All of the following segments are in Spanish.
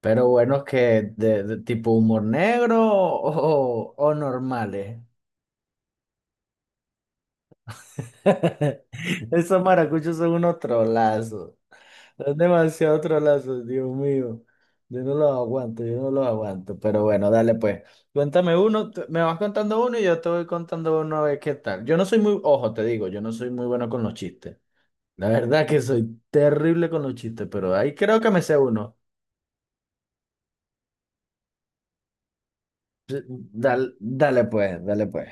Pero buenos que de tipo humor negro o normales. Esos maracuchos son unos trolazos. Son demasiado trolazos, Dios mío. Yo no los aguanto, yo no los aguanto. Pero bueno, dale pues. Cuéntame uno, me vas contando uno y yo te voy contando uno a ver qué tal. Yo no soy muy, ojo, te digo, yo no soy muy bueno con los chistes. La verdad que soy terrible con los chistes, pero ahí creo que me sé uno. Dale, dale pues, dale pues.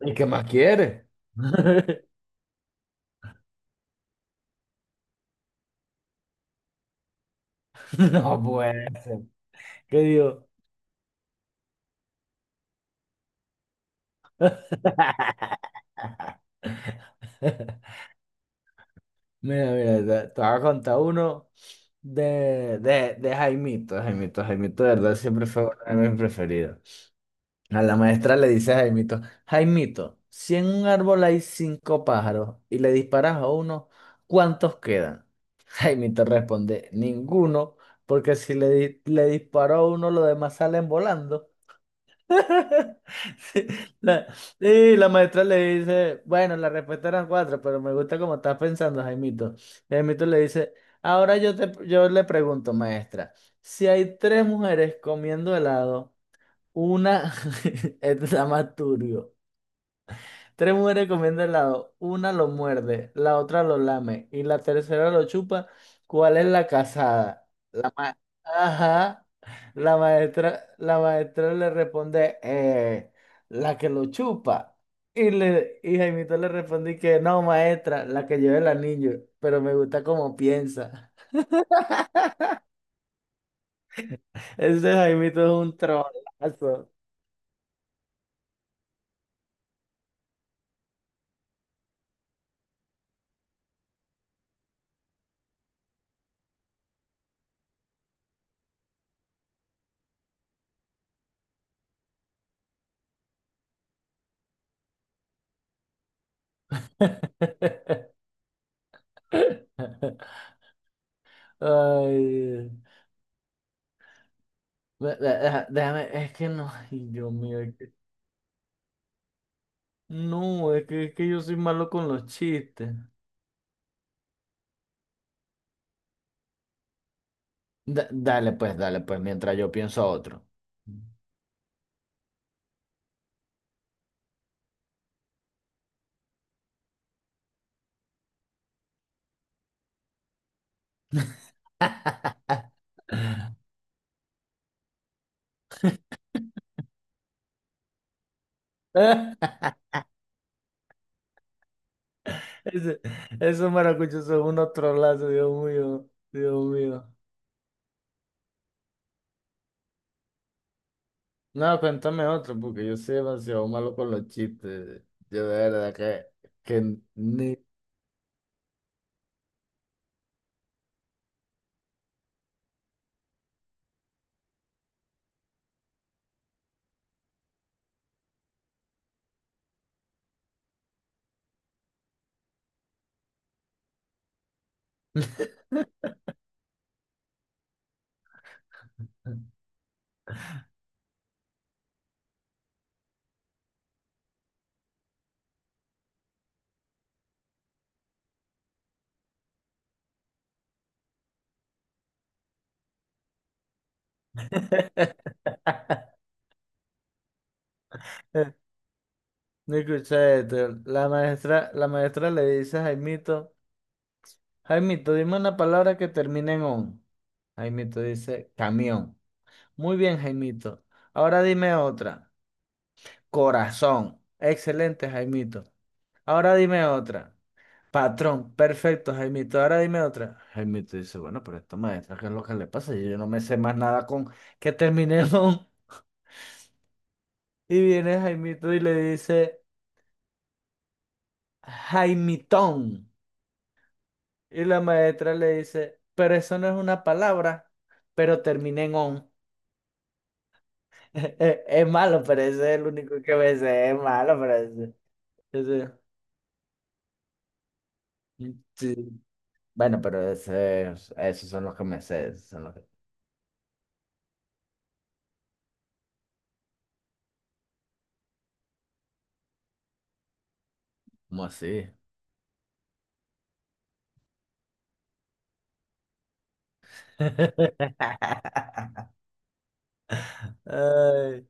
¿Y qué más quiere? No puede ser. ¿Qué digo? Mira, mira, te voy a contar uno de Jaimito, Jaimito, de verdad, siempre fue uno de mis preferidos. A la maestra le dice a Jaimito, Jaimito, si en un árbol hay cinco pájaros y le disparas a uno, ¿cuántos quedan? Jaimito responde, ninguno, porque si le disparo a uno, los demás salen volando. Sí, la, sí, la maestra le dice, bueno, la respuesta eran cuatro, pero me gusta cómo estás pensando, Jaimito. Y Jaimito le dice, ahora yo le pregunto, maestra, si hay tres mujeres comiendo helado, una es la más turbio. Tres mujeres comiendo helado, una lo muerde, la otra lo lame y la tercera lo chupa, ¿cuál es la casada? Ajá. La maestra le responde, la que lo chupa. Y Jaimito le respondí que no, maestra, la que lleva el anillo, pero me gusta cómo piensa. Ese Jaimito es un trolazo. Ay, déjame, es que no, ay, Dios mío, no, es que yo soy malo con los chistes. Dale pues, mientras yo pienso otro. Ese- Esos maracuchos son un otro lazo, Dios mío, Dios mío. No, cuéntame otro, porque yo soy demasiado malo con los chistes. Yo de verdad que ni... No escuché esto. La maestra le dice a Jaimito, Jaimito, dime una palabra que termine en on. Jaimito dice, camión. Muy bien, Jaimito. Ahora dime otra. Corazón. Excelente, Jaimito. Ahora dime otra. Patrón, perfecto, Jaimito. Ahora dime otra. Jaimito dice, bueno, pero esta maestra, ¿qué es lo que le pasa? Yo no me sé más nada con que terminemos. Y viene Jaimito y le dice, Jaimitón. Y la maestra le dice, pero eso no es una palabra, pero termina en on. Es malo, pero ese es el único que me sé. Es malo, pero ese. ese- sí. Bueno, pero ese, esos son los que me sé. Esos son los que... ¿Cómo así? Ay,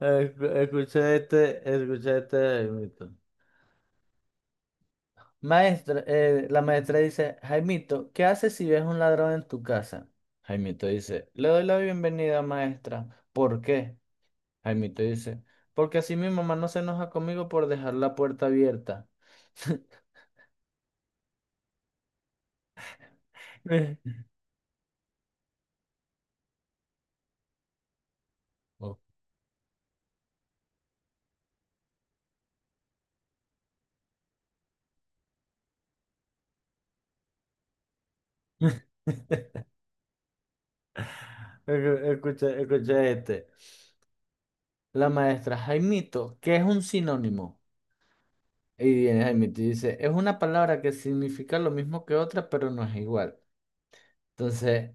escuché este, de Jaimito. Maestra, la maestra dice, Jaimito, ¿qué haces si ves un ladrón en tu casa? Jaimito dice, le doy la bienvenida, maestra. ¿Por qué? Jaimito dice, porque así mi mamá no se enoja conmigo por dejar la puerta abierta. Oh. Escuché, escuché este. La maestra, Jaimito, ¿qué es un sinónimo? Y viene Jaime te dice, es una palabra que significa lo mismo que otra, pero no es igual. Entonces,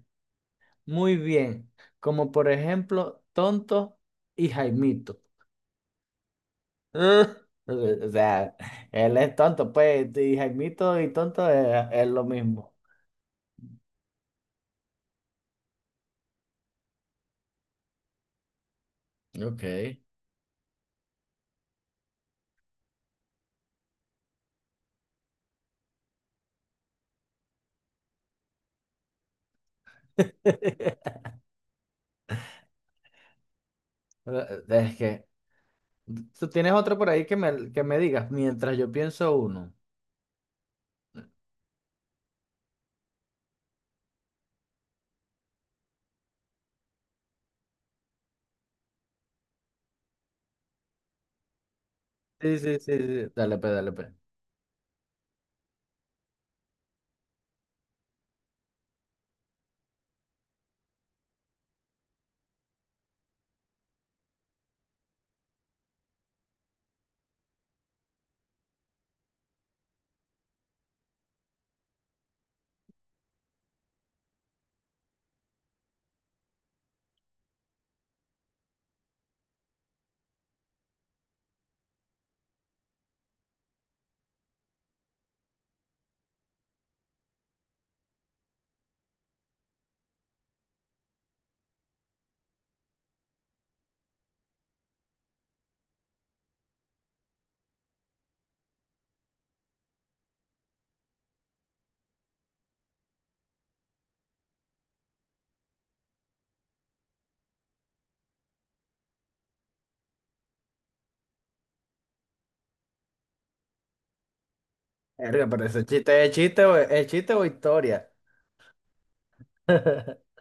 muy bien. Como por ejemplo, tonto y Jaimito. Ah. O sea, él es tonto, pues, y Jaimito y tonto es lo mismo. Ok. Es que, ¿tú tienes otro por ahí que que me digas mientras yo pienso uno? Sí, sí, sí, sí. Dale, pe, dale, pe. Verga, pero ese chiste es chiste o historia.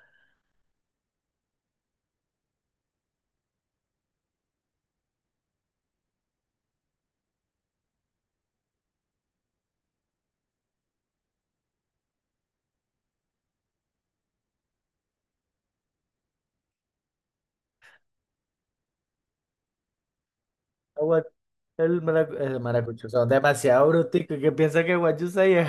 What- el maracucho son demasiado bruticos que piensa que what you say es...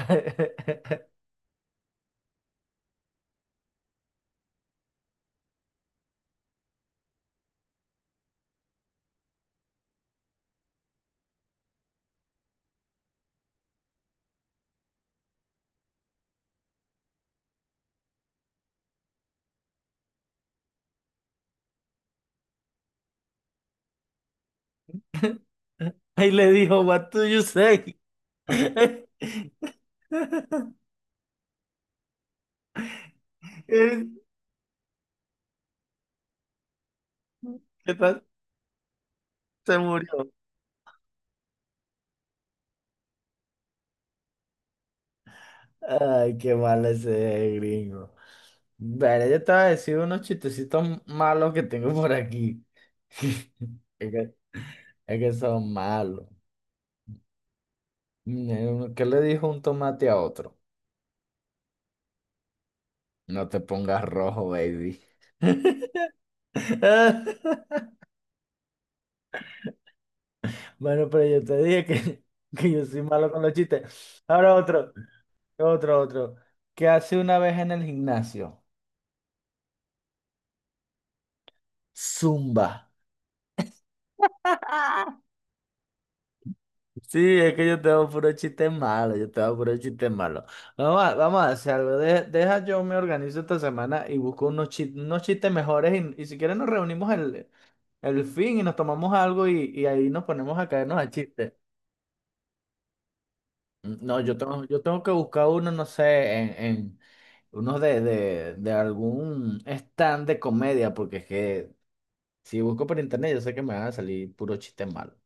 Ahí le dijo, what do you say? ¿Qué tal? Se murió. Ay, qué mal ese gringo. Vale, yo te voy a decir unos chistecitos malos que tengo por aquí. Es que, es que son malos. ¿Qué le dijo un tomate a otro? No te pongas rojo, baby. Bueno, pero yo te dije que, que yo soy malo con los chistes. Ahora otro, otro, otro. ¿Qué hace una vez en el gimnasio? Zumba. Sí, es que yo tengo puro chiste malo, yo tengo puro chiste malo. Vamos a hacer algo. Deja yo me organizo esta semana y busco unos, unos chistes mejores y si quieres nos reunimos el fin y nos tomamos algo y ahí nos ponemos a caernos a chistes. No, yo tengo que buscar uno, no sé, en uno de de algún stand de comedia, porque es que si busco por internet yo sé que me van a salir puro chiste malo.